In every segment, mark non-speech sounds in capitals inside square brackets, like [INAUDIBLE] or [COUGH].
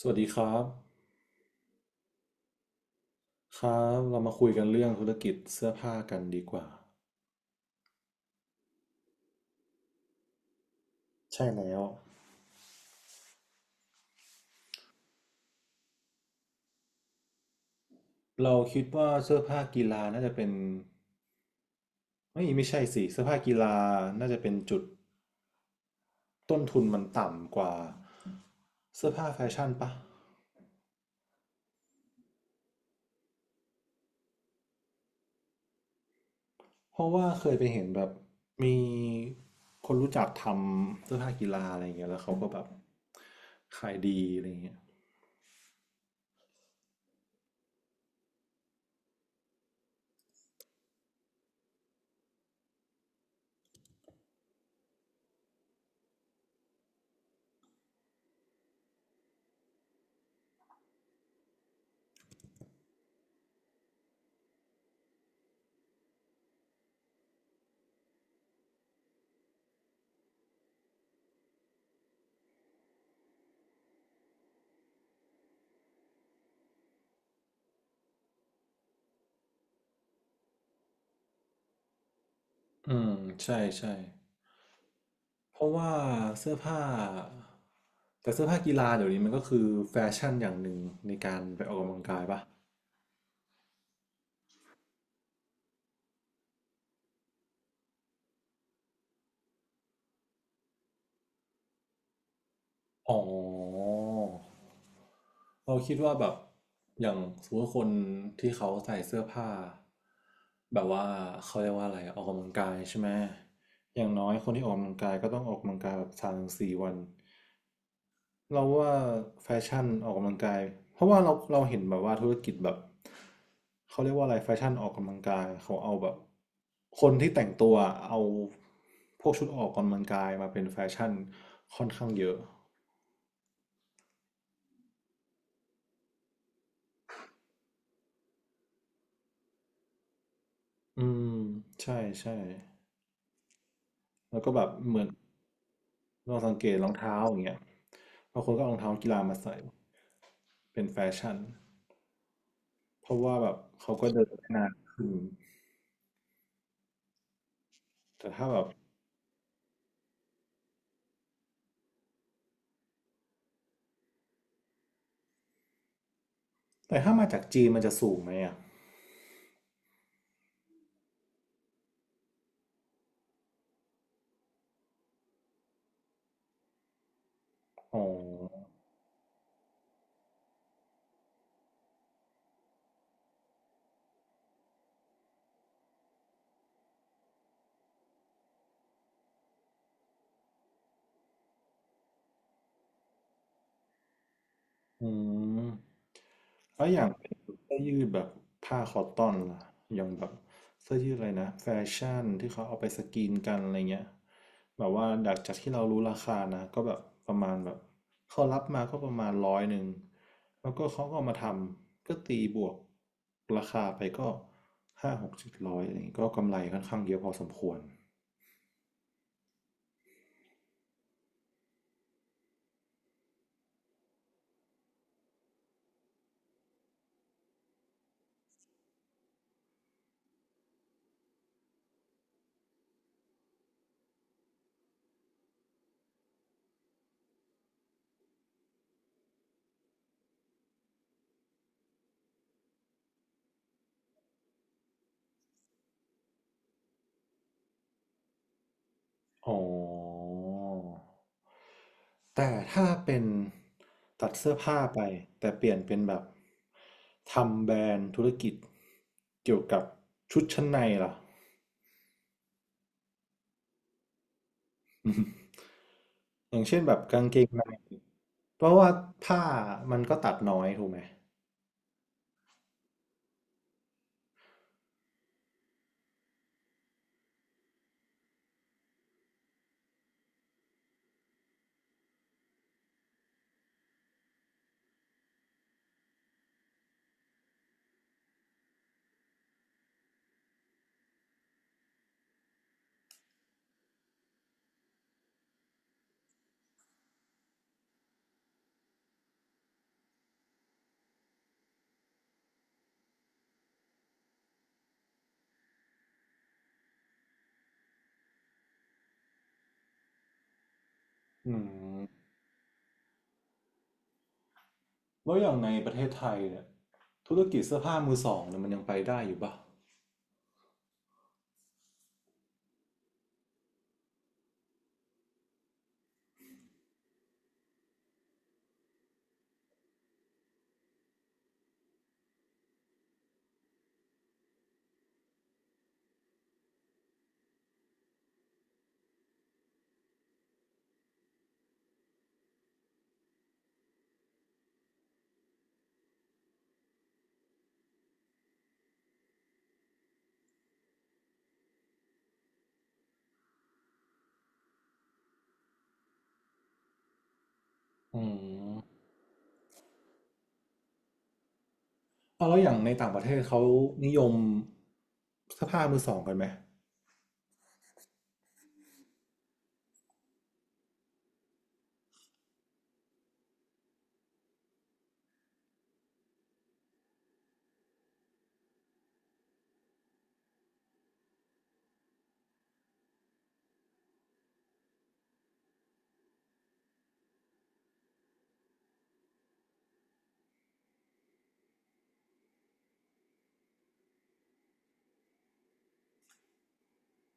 สวัสดีครับ ครับเรามาคุยกันเรื่องธุรกิจเสื้อผ้ากันดีกว่า ใช่แล้วเราคิดว่าเสื้อผ้ากีฬาน่าจะเป็นไม่ไม่ใช่สิ เสื้อผ้ากีฬาน่าจะเป็นจุดต้นทุนมันต่ำกว่าเสื้อผ้าแฟชั่นปะเพราะว่าเคยไปเห็นแบบมีคนรู้จักทำเสื้อผ้ากีฬาอะไรอย่างเงี้ยแล้วเขาก็แบบขายดีอะไรอย่างเงี้ยอืม ใช่ใช่ เพราะว่าเสื้อผ้าแต่เสื้อผ้ากีฬาเดี๋ยวนี้มันก็คือแฟชั่นอย่างหนึ่งในการไปออกกำลังกายปะอ๋อเราคิดว่าแบบอย่างสมมติว่าคนที่เขาใส่เสื้อผ้าแบบว่าเขาเรียกว่าอะไรอะออกกำลังกายใช่ไหมอย่างน้อยคนที่ออกกำลังกายก็ต้องออกกำลังกายแบบ3 ถึง 4วัน เราว่าแฟชั่นออกกำลังกายเพราะว่าเราเห็นแบบว่าธุรกิจแบบเขาเรียกว่าอะไรแฟชั่นออกกำลังกายเขาเอาแบบคนที่แต่งตัวเอาพวกชุดออกกำลังกายมาเป็นแฟชั่นค่อนข้างเยอะอืมใช่ใช่แล้วก็แบบเหมือนเราสังเกตรองเท้าอย่างเงี้ยบางคนก็เอารองเท้ากีฬามาใส่เป็นแฟชั่นเพราะว่าแบบเขาก็เดินได้นานขึ้นแต่ถ้าแบบแต่ถ้ามาจากจีนมันจะสูงไหมอ่ะอ๋อ อืมแล้วอใช่ย่างเสื้อยืดแบบผ้าคอตตอนล่ะอย่างแบบเสื้อยืดอะไรนะแฟชั่นที่เขาเอาไปสกรีนกันอะไรเงี้ยแบบว่าดักจากที่เรารู้ราคานะก็แบบประมาณแบบเขารับมาก็ประมาณ100แล้วก็เขาก็เอามาทำก็ตีบวกราคาไปก็ห้าหกเจ็ดร้อยอะไรเงี้ยก็กำไรค่อนข้างเยอะพอสมควร อ๋อแต่ถ้าเป็นตัดเสื้อผ้าไปแต่เปลี่ยนเป็นแบบทำแบรนด์ธุรกิจเกี่ยวกับชุดชั้นในล่ะ [LAUGHS] อย่างเช่นแบบกางเกงในเพราะว่าผ้ามันก็ตัดน้อยถูกไหมอืมแล้วอย่างในประเทศไทยเนี่ยธุรกิจเสื้อผ้ามือสองเนี่ยมันยังไปได้อยู่ป่ะอืมเอาแล้วอย่างในต่างประเทศเขานิยมเสื้อผ้ามือสองกันไหม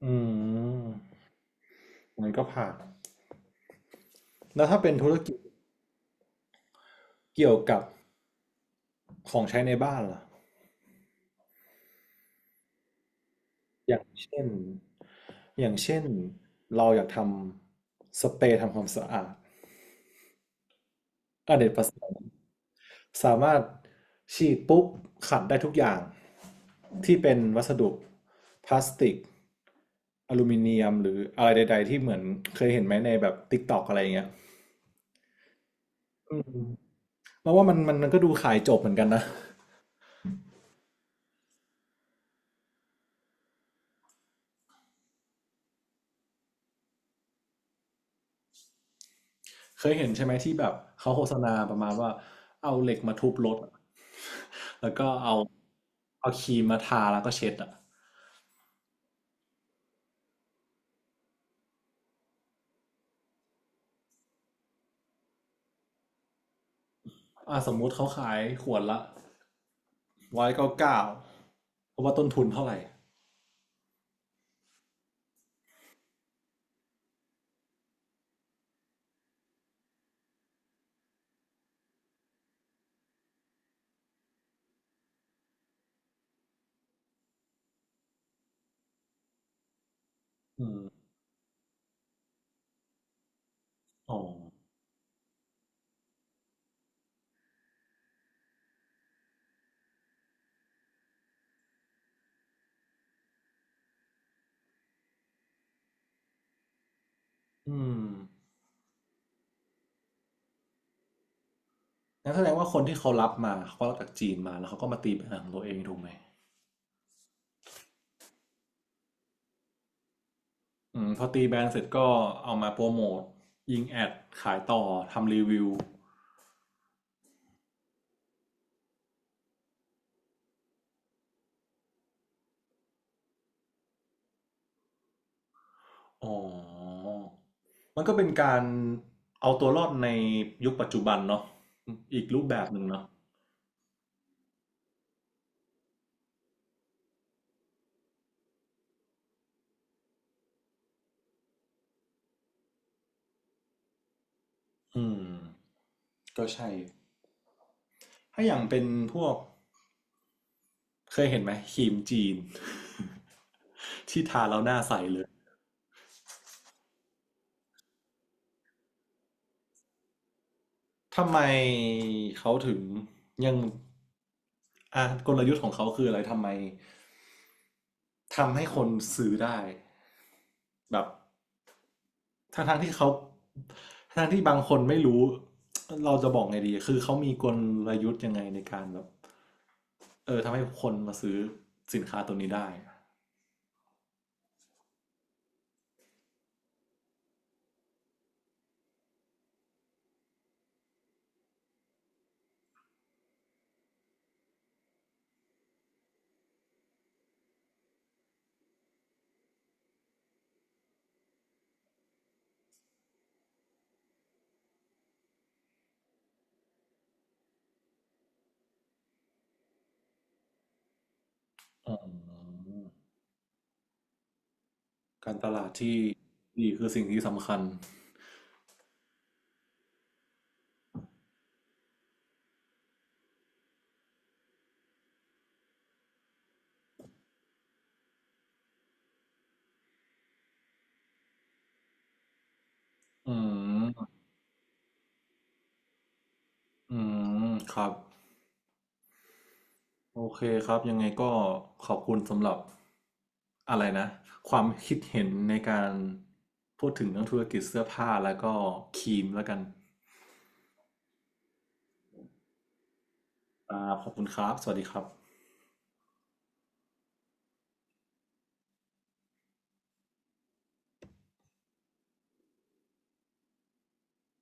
อืมมันก็ผ่านแล้วถ้าเป็นธุรกิจเกี่ยวกับของใช้ในบ้านล่ะอย่างเช่นอย่างเช่นเราอยากทำสเปรย์ทำความสะอาดอเนกประสงค์สามารถฉีดปุ๊บขัดได้ทุกอย่างที่เป็นวัสดุพลาสติกอลูมิเนียมหรืออะไรใดๆที่เหมือนเคยเห็นไหมในแบบติ k t อกอะไรอย่างเงี้ยอืมแล้วว่ามันก็ดูขายจบเหมือนกันนะ เคยเห็นใช่ไหมที่แบบเขาโฆษณาประมาณว่าเอาเหล็กมาทุบรถอะแล้วก็เอาเอาครีมมาทาแล้วก็เช็ดอ่ะอ่ะสมมุติเขาขายขวดละ199เพราะว่าต้นทุนเท่าไหร่อืมอ๋ออืมงั้นแสดงว่าคนที่เขารับมาเขาก็รับจากจีนมาแล้วเขาก็มาตีแบรนด์ของตัวเองถูกไหมอืมพอตีแบรนด์เสร็จก็เอามาโปรโมทยิงแอดขายต่อทำรีวิว อ๋อ มันก็เป็นการเอาตัวรอดในยุคปัจจุบันเนาะอีกรูปแบบหนึ่งเนาะอืมก็ใช่ถ้าอย่างเป็นพวกเคยเห็นไหมครีมจีน [LAUGHS] ที่ทาแล้วหน้าใสเลยทำไมเขาถึงยังอ่ะกลยุทธ์ของเขาคืออะไรทำไมทำให้คนซื้อได้แบบ ทั้งทั้งที่เขาทั้งที่บางคนไม่รู้เราจะบอกไงดีคือเขามีกลยุทธ์ยังไงในการแบบทำให้คนมาซื้อสินค้าตัวนี้ได้อมการตลาดที่ดีคือสิ่งที่สำคัญอืมอืมครับโอเคครับยังไงก็ขอบคุณสำหรับอะไรนะความคิดเห็นในการพูดถึงเรื่องธุรกิจเสื้อผ้าแล้วก็ครีมแล้วกันอ่าขอบคุณครับสวัสดีครับ